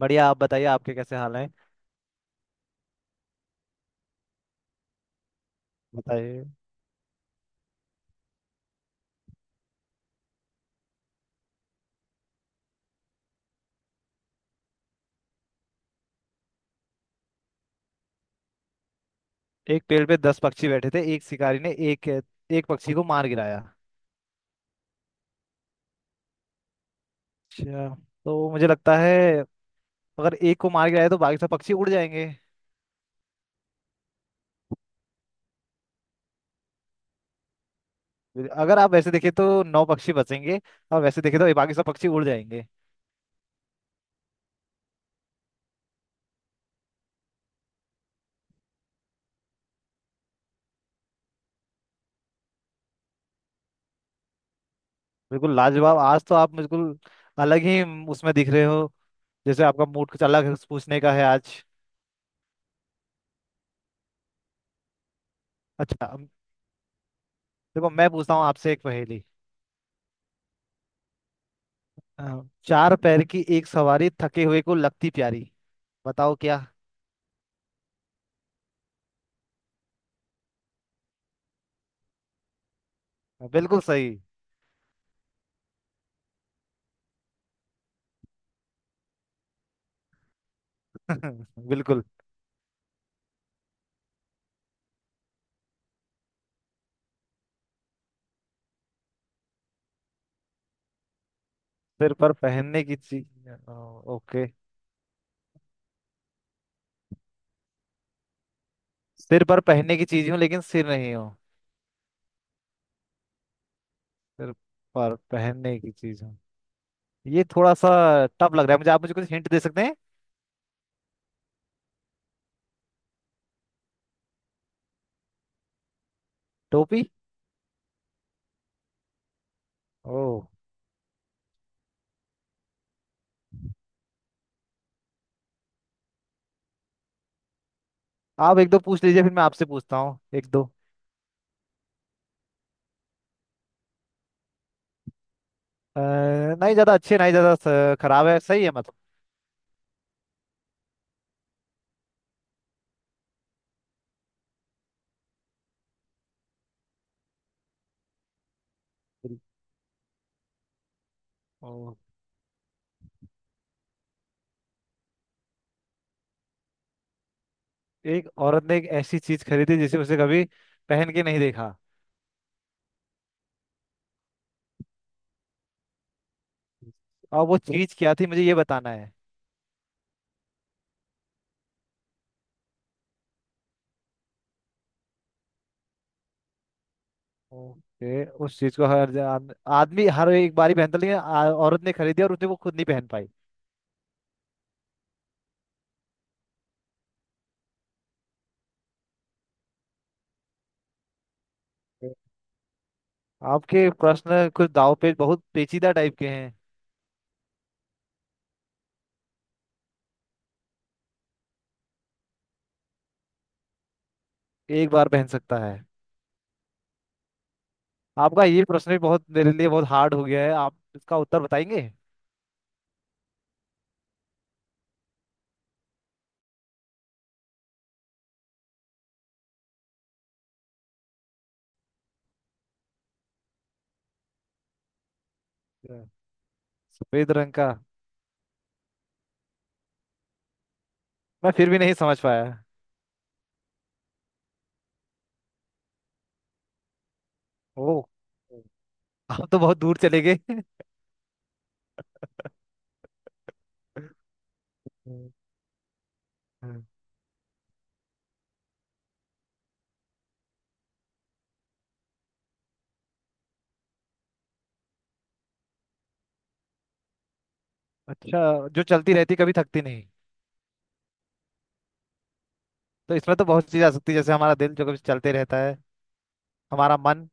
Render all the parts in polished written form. बढ़िया। आप बताइए, आपके कैसे हाल हैं। बताइए। एक पेड़ पे 10 पक्षी बैठे थे। एक शिकारी ने एक एक पक्षी को मार गिराया। अच्छा, तो मुझे लगता है अगर एक को मार गिराया तो बाकी सब पक्षी उड़ जाएंगे। अगर आप वैसे देखें तो नौ पक्षी बचेंगे, और वैसे देखें तो ये बाकी सब पक्षी उड़ जाएंगे। बिल्कुल लाजवाब। आज तो आप बिल्कुल अलग ही उसमें दिख रहे हो। जैसे आपका मूड कुछ अलग है, कुछ पूछने का है आज। अच्छा, अब देखो, मैं पूछता हूँ आपसे एक पहेली। अ, चार पैर की एक सवारी, थके हुए को लगती प्यारी। बताओ क्या। बिल्कुल सही। बिल्कुल। सिर पर पहनने की चीज। ओके। सिर पर पहनने की चीज हूँ लेकिन सिर नहीं हूँ। सिर पर पहनने की चीज हूँ। ये थोड़ा सा टफ लग रहा है मुझे। आप मुझे कुछ हिंट दे सकते हैं। टोपी। ओ। आप एक दो पूछ लीजिए, फिर मैं आपसे पूछता हूँ एक दो। नहीं ज्यादा अच्छे नहीं, ज्यादा खराब है, सही है, मतलब। बिल- ओ, एक औरत ने एक ऐसी चीज खरीदी जिसे उसे कभी पहन के नहीं देखा। और वो चीज क्या थी, मुझे ये बताना है। ओके, उस चीज को हर आदमी हर एक बारी पहनता, लेकिन औरत ने खरीदी और उसने वो खुद नहीं पहन पाई। आपके प्रश्न कुछ दाव पे बहुत पेचीदा टाइप के हैं। एक बार पहन सकता है। आपका ये प्रश्न भी बहुत, मेरे लिए बहुत हार्ड हो गया है। आप इसका उत्तर बताएंगे। क्या? सफेद रंग का। मैं फिर भी नहीं समझ पाया। ओ, आप तो बहुत दूर चले गए। हम्म। हम्म। अच्छा, जो चलती रहती कभी थकती नहीं, तो इसमें तो बहुत चीज आ सकती है जैसे हमारा दिल जो कभी चलते रहता है। हमारा मन।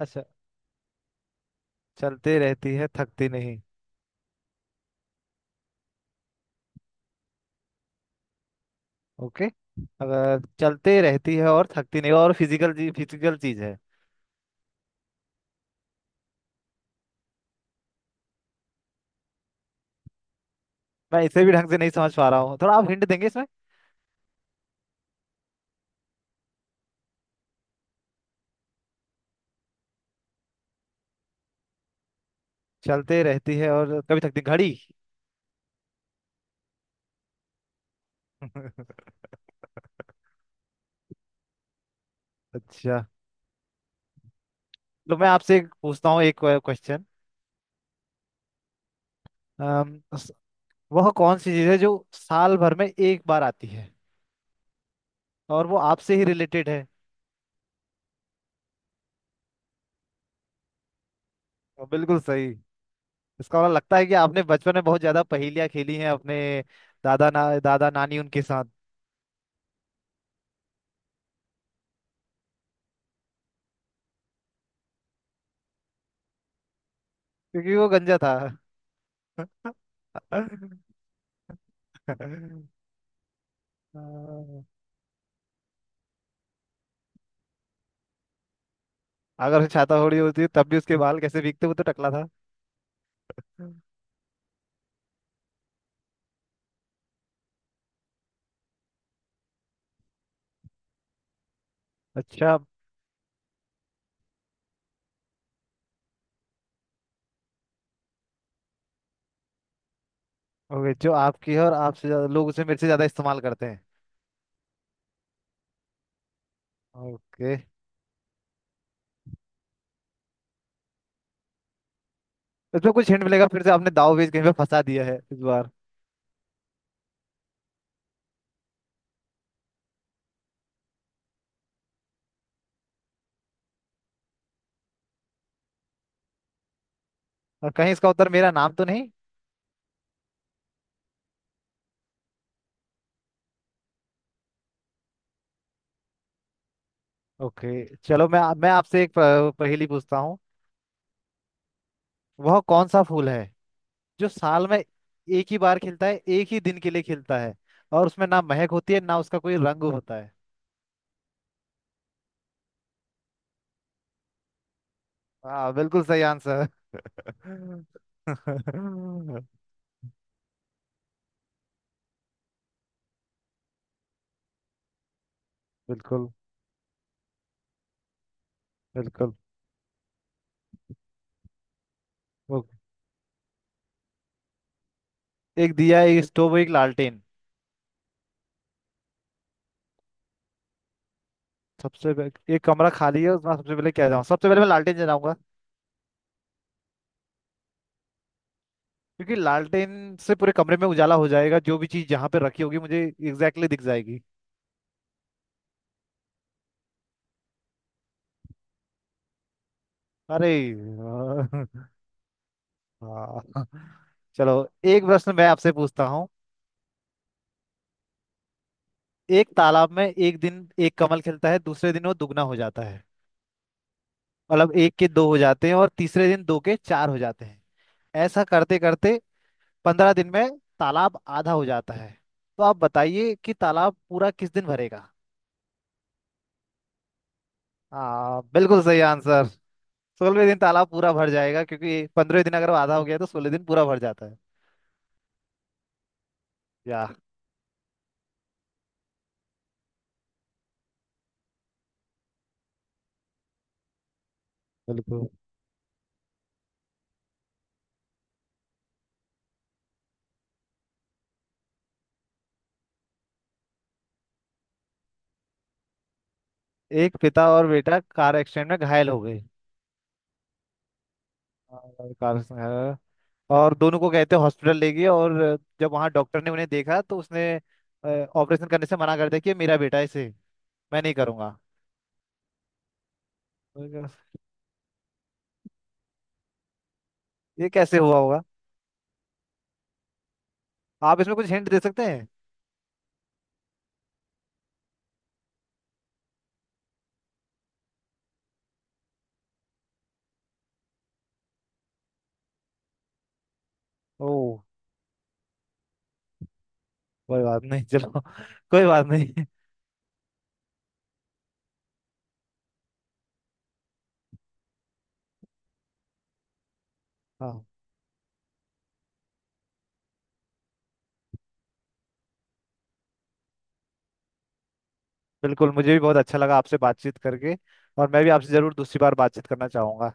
अच्छा, चलती रहती है थकती नहीं। ओके। अगर चलती रहती है और थकती नहीं और फिजिकल चीज, फिजिकल चीज है। मैं इसे भी ढंग से नहीं समझ पा रहा हूँ। थोड़ा आप हिंट देंगे इसमें। चलते रहती है और कभी थकती, घड़ी। अच्छा, तो मैं आपसे एक पूछता हूँ, एक क्वेश्चन। वह कौन सी चीज है जो साल भर में एक बार आती है? और वो आपसे ही रिलेटेड है। और बिल्कुल सही। इसका वाला लगता है कि आपने बचपन में बहुत ज्यादा पहेलियां खेली हैं अपने दादा नानी उनके साथ। क्योंकि वो गंजा था। अगर उसे छाता ओढ़ी होती तब भी उसके बाल कैसे भीगते, वो तो टकला था। अच्छा। ओके, जो आपकी है और आपसे लोग उसे मेरे से ज्यादा इस्तेमाल करते हैं। ओके। इसमें कुछ हिंट मिलेगा? फिर से आपने दाव पेच कहीं पे फंसा दिया है इस बार। और कहीं इसका उत्तर मेरा नाम तो नहीं? ओके। चलो, मैं आपसे एक पहेली पूछता हूँ। वह कौन सा फूल है जो साल में एक ही बार खिलता है, एक ही दिन के लिए खिलता है, और उसमें ना महक होती है ना उसका कोई रंग होता है? हाँ, बिल्कुल सही आंसर। बिल्कुल। बिल्कुल। वो एक दिया, एक स्टोव, एक लालटेन। एक कमरा खाली है, उसमें सबसे पहले क्या जाऊँ? सबसे पहले मैं लालटेन जलाऊंगा। क्योंकि लालटेन से पूरे कमरे में उजाला हो जाएगा। जो भी चीज जहाँ पे रखी होगी मुझे एग्जैक्टली exactly दिख जाएगी। अरे यार। हाँ। चलो। एक प्रश्न मैं आपसे पूछता हूँ। एक तालाब में एक दिन एक कमल खिलता है, दूसरे दिन वो दुगना हो जाता है। मतलब एक के दो हो जाते हैं, और तीसरे दिन दो के चार हो जाते हैं। ऐसा करते करते, 15 दिन में तालाब आधा हो जाता है। तो आप बताइए कि तालाब पूरा किस दिन भरेगा। हाँ, बिल्कुल सही आंसर। 16वें दिन तालाब पूरा भर जाएगा क्योंकि 15 दिन अगर वो आधा हो गया तो 16 दिन पूरा भर जाता है। या। बिल्कुल। एक पिता और बेटा कार एक्सीडेंट में घायल हो गए, और घायल। और दोनों को कहते हॉस्पिटल ले गए, और जब वहाँ डॉक्टर ने उन्हें देखा तो उसने ऑपरेशन करने से मना कर दिया कि ये मेरा बेटा है, इसे मैं नहीं करूंगा। मैं कहा, ये कैसे हुआ होगा? आप इसमें कुछ हिंट दे सकते हैं? ओह। कोई बात नहीं, चलो कोई बात नहीं। हाँ, बिल्कुल, मुझे भी बहुत अच्छा लगा आपसे बातचीत करके। और मैं भी आपसे जरूर दूसरी बार बातचीत करना चाहूंगा।